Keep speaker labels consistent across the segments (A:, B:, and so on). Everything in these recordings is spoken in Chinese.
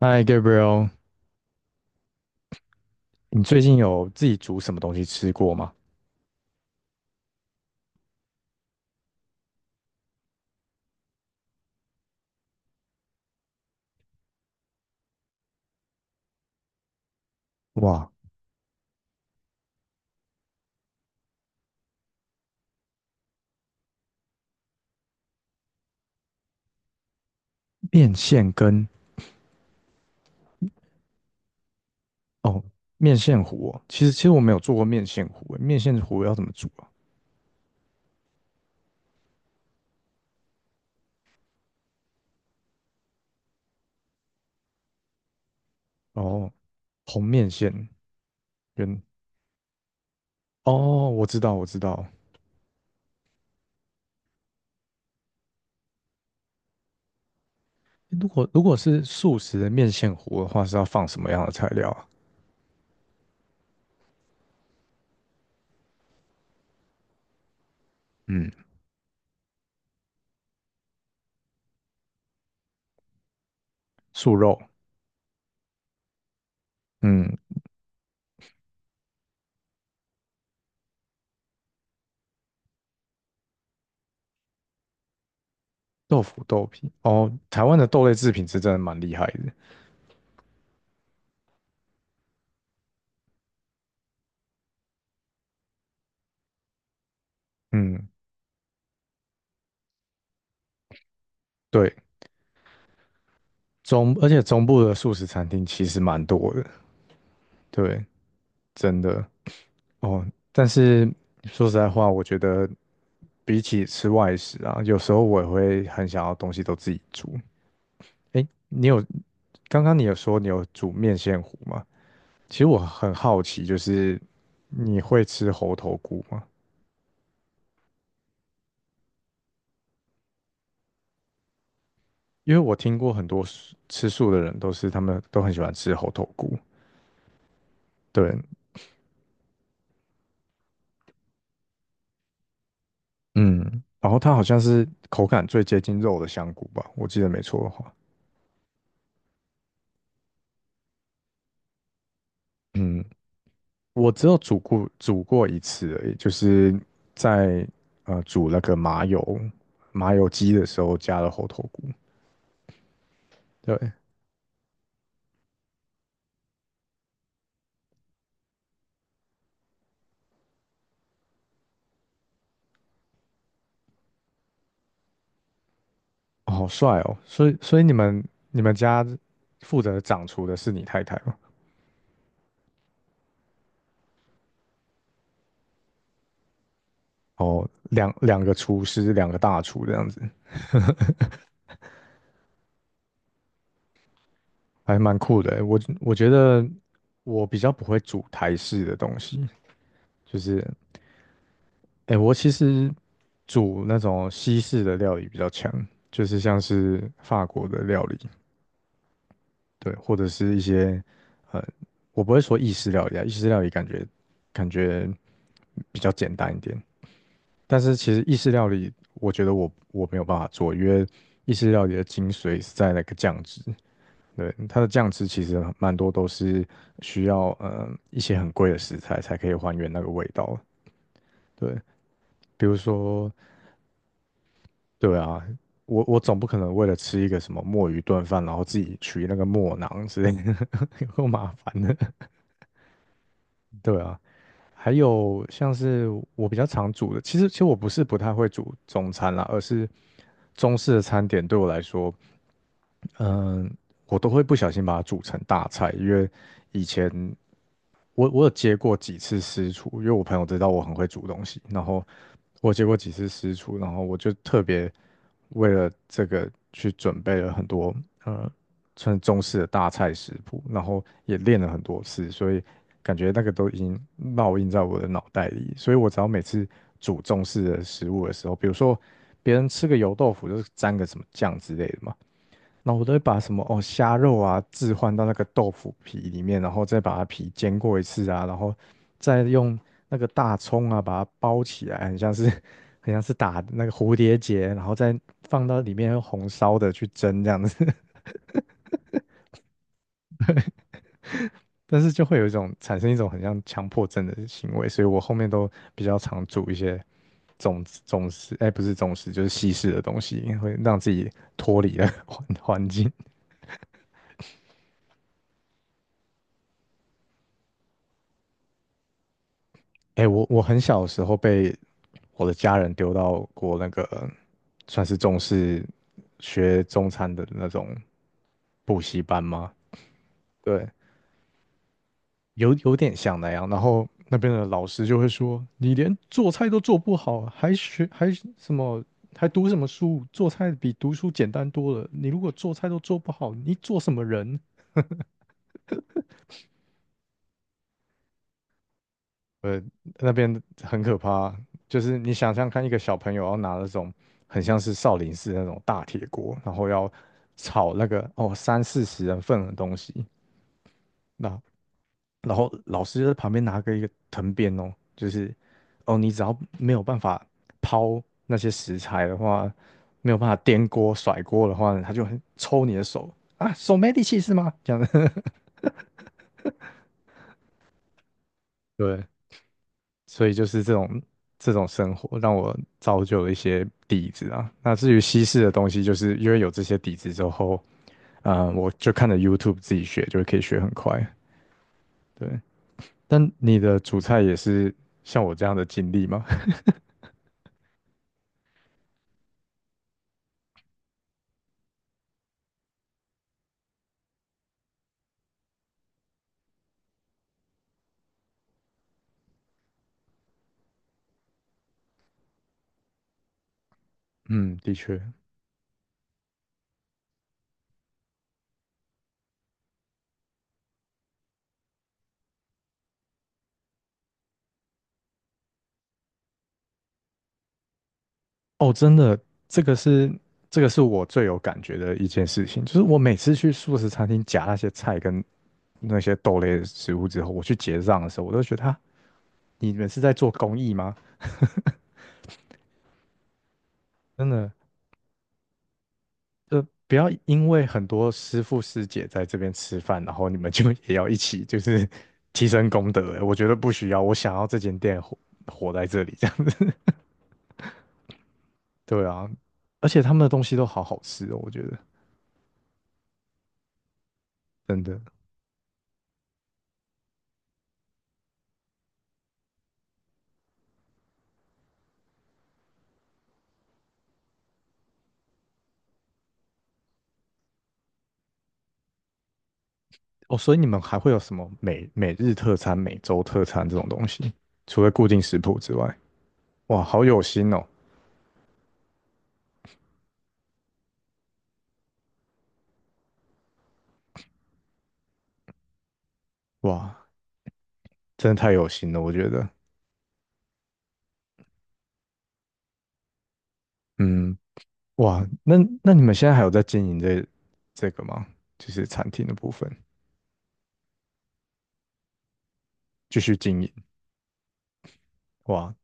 A: 嗨，Gabriel，你最近有自己煮什么东西吃过吗？哇，面线跟哦，面线糊哦，其实我没有做过面线糊，面线糊要怎么煮啊？哦，红面线跟哦，我知道。如果是素食的面线糊的话，是要放什么样的材料啊？嗯，素肉，嗯，豆腐、豆皮。哦，台湾的豆类制品是真的蛮厉害的。嗯，对，中而且中部的素食餐厅其实蛮多的，对，真的。哦，但是说实在话，我觉得比起吃外食啊，有时候我也会很想要东西都自己煮。诶，你有，刚刚你有说你有煮面线糊吗？其实我很好奇，就是你会吃猴头菇吗？因为我听过很多素吃素的人都是他们都很喜欢吃猴头菇，对，嗯，然后它好像是口感最接近肉的香菇吧，我记得没错的话，嗯。我只有煮过一次而已，就是在煮那个麻油鸡的时候加了猴头菇。对，哦好帅哦！所以你们你们家负责掌厨的是你太太吗？哦，两两个厨师，两个大厨这样子，还蛮酷的欸我觉得我比较不会煮台式的东西，就是哎，我其实煮那种西式的料理比较强，就是像是法国的料理。对，或者是一些呃，我不会说意式料理啊，意式料理感觉感觉比较简单一点。但是其实意式料理，我觉得我没有办法做，因为意式料理的精髓是在那个酱汁。对，它的酱汁其实蛮多都是需要嗯，一些很贵的食材才可以还原那个味道。对，比如说，对啊，我总不可能为了吃一个什么墨鱼炖饭，然后自己取那个墨囊之类的，有够麻烦的。对啊，还有像是我比较常煮的，其实我不是不太会煮中餐啦，而是中式的餐点对我来说，嗯，我都会不小心把它煮成大菜，因为以前我有接过几次私厨，因为我朋友知道我很会煮东西，然后我接过几次私厨，然后我就特别为了这个去准备了很多呃穿中式的大菜食谱，然后也练了很多次，所以感觉那个都已经烙印在我的脑袋里。所以我只要每次煮中式的食物的时候，比如说别人吃个油豆腐就是沾个什么酱之类的嘛，那我都会把什么哦虾肉啊置换到那个豆腐皮里面，然后再把它皮煎过一次啊，然后再用那个大葱啊把它包起来，很像是 很像是打那个蝴蝶结，然后再放到里面用红烧的去蒸这样子。但是就会有一种产生一种很像强迫症的行为，所以我后面都比较常煮一些总总种食，哎，不是总食，就是西式的东西，会让自己脱离了 环环境。哎，我很小的时候被我的家人丢到过那个算是重视学中餐的那种补习班吗？对，有有点像那样。然后那边的老师就会说：“你连做菜都做不好，还学还什么，还读什么书？做菜比读书简单多了。你如果做菜都做不好，你做什么人？”那边很可怕，就是你想象看，一个小朋友要拿那种很像是少林寺那种大铁锅，然后要炒那个哦三四十人份的东西，那然后老师就在旁边拿个一个藤鞭哦，就是哦，你只要没有办法抛那些食材的话，没有办法颠锅甩锅的话，他就很抽你的手啊，手没力气是吗？这样子，对，所以就是这种生活让我造就了一些底子啊。那至于西式的东西，就是因为有这些底子之后，我就看着 YouTube 自己学，就可以学很快。对，但你的主菜也是像我这样的经历吗？嗯，的确，哦，真的，这个是这个是我最有感觉的一件事情，就是我每次去素食餐厅夹那些菜跟那些豆类的食物之后，我去结账的时候，我都觉得啊，你们是在做公益吗？真的，就不要因为很多师傅师姐在这边吃饭，然后你们就也要一起就是 提升功德，我觉得不需要，我想要这间店活活在这里这样子，对啊，而且他们的东西都好好吃哦，我觉得真的，哦，所以你们还会有什么每每日特餐、每周特餐这种东西？除了固定食谱之外，哇，好有心哦！哇，真的太有心了，我觉得。嗯，哇，那那你们现在还有在经营这这个吗？就是餐厅的部分，继续经营。哇，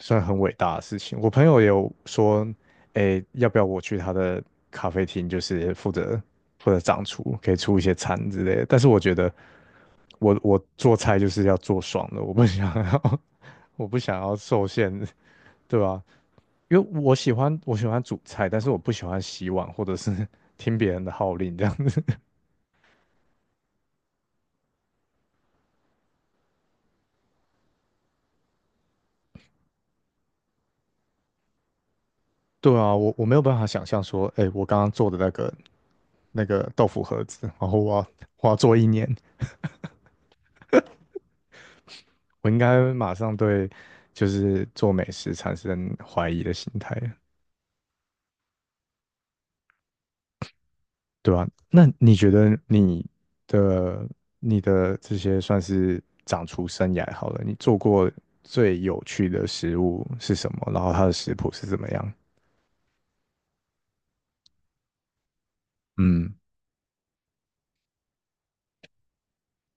A: 算很伟大的事情。我朋友也有说，诶，要不要我去他的咖啡厅，就是负责负责掌厨，可以出一些餐之类的。但是我觉得我，我做菜就是要做爽的，我不想要，我不想要受限，对吧？因为我喜欢煮菜，但是我不喜欢洗碗或者是 听别人的号令这样子。对啊，我没有办法想象说，诶，我刚刚做的那个豆腐盒子，然后我要做一年。我应该马上对就是做美食产生怀疑的心态了，对吧？那你觉得你的你的这些算是掌厨生涯好了，你做过最有趣的食物是什么？然后它的食谱是怎么样？嗯，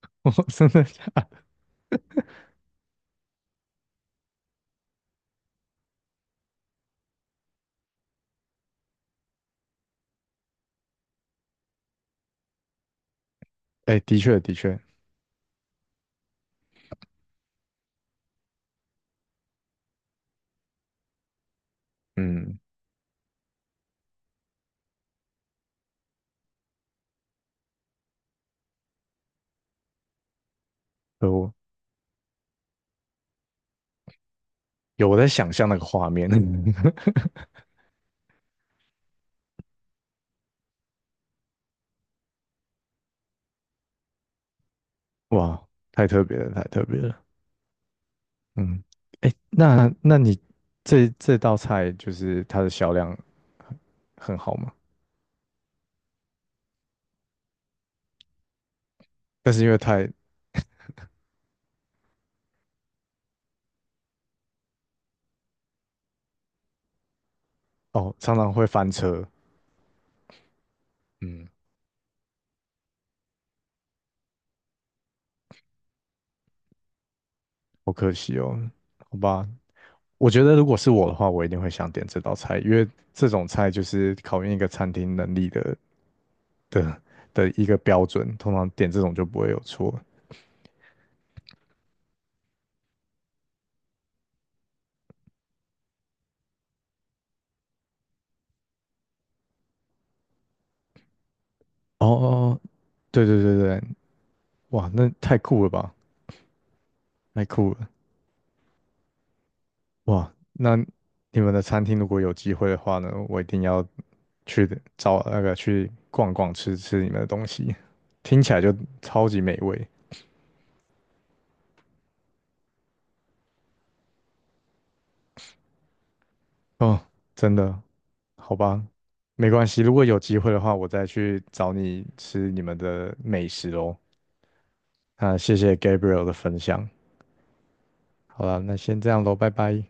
A: 我真的假的？哎，的确，嗯，有我在想象那个画面，哇，太特别了。嗯，哎，那那你这这道菜就是它的销量很很好吗？但是因为太哦，常常会翻车，嗯，好可惜哦，好吧。我觉得如果是我的话，我一定会想点这道菜，因为这种菜就是考验一个餐厅能力的的的一个标准，通常点这种就不会有错。哦哦，哦对对对对，哇，那太酷了吧，太酷了。哇，那你们的餐厅如果有机会的话呢，我一定要去的找那个去逛逛，吃吃你们的东西，听起来就超级美味哦，真的，好吧，没关系，如果有机会的话，我再去找你吃你们的美食哦。那谢谢 Gabriel 的分享，好了，那先这样喽，拜拜。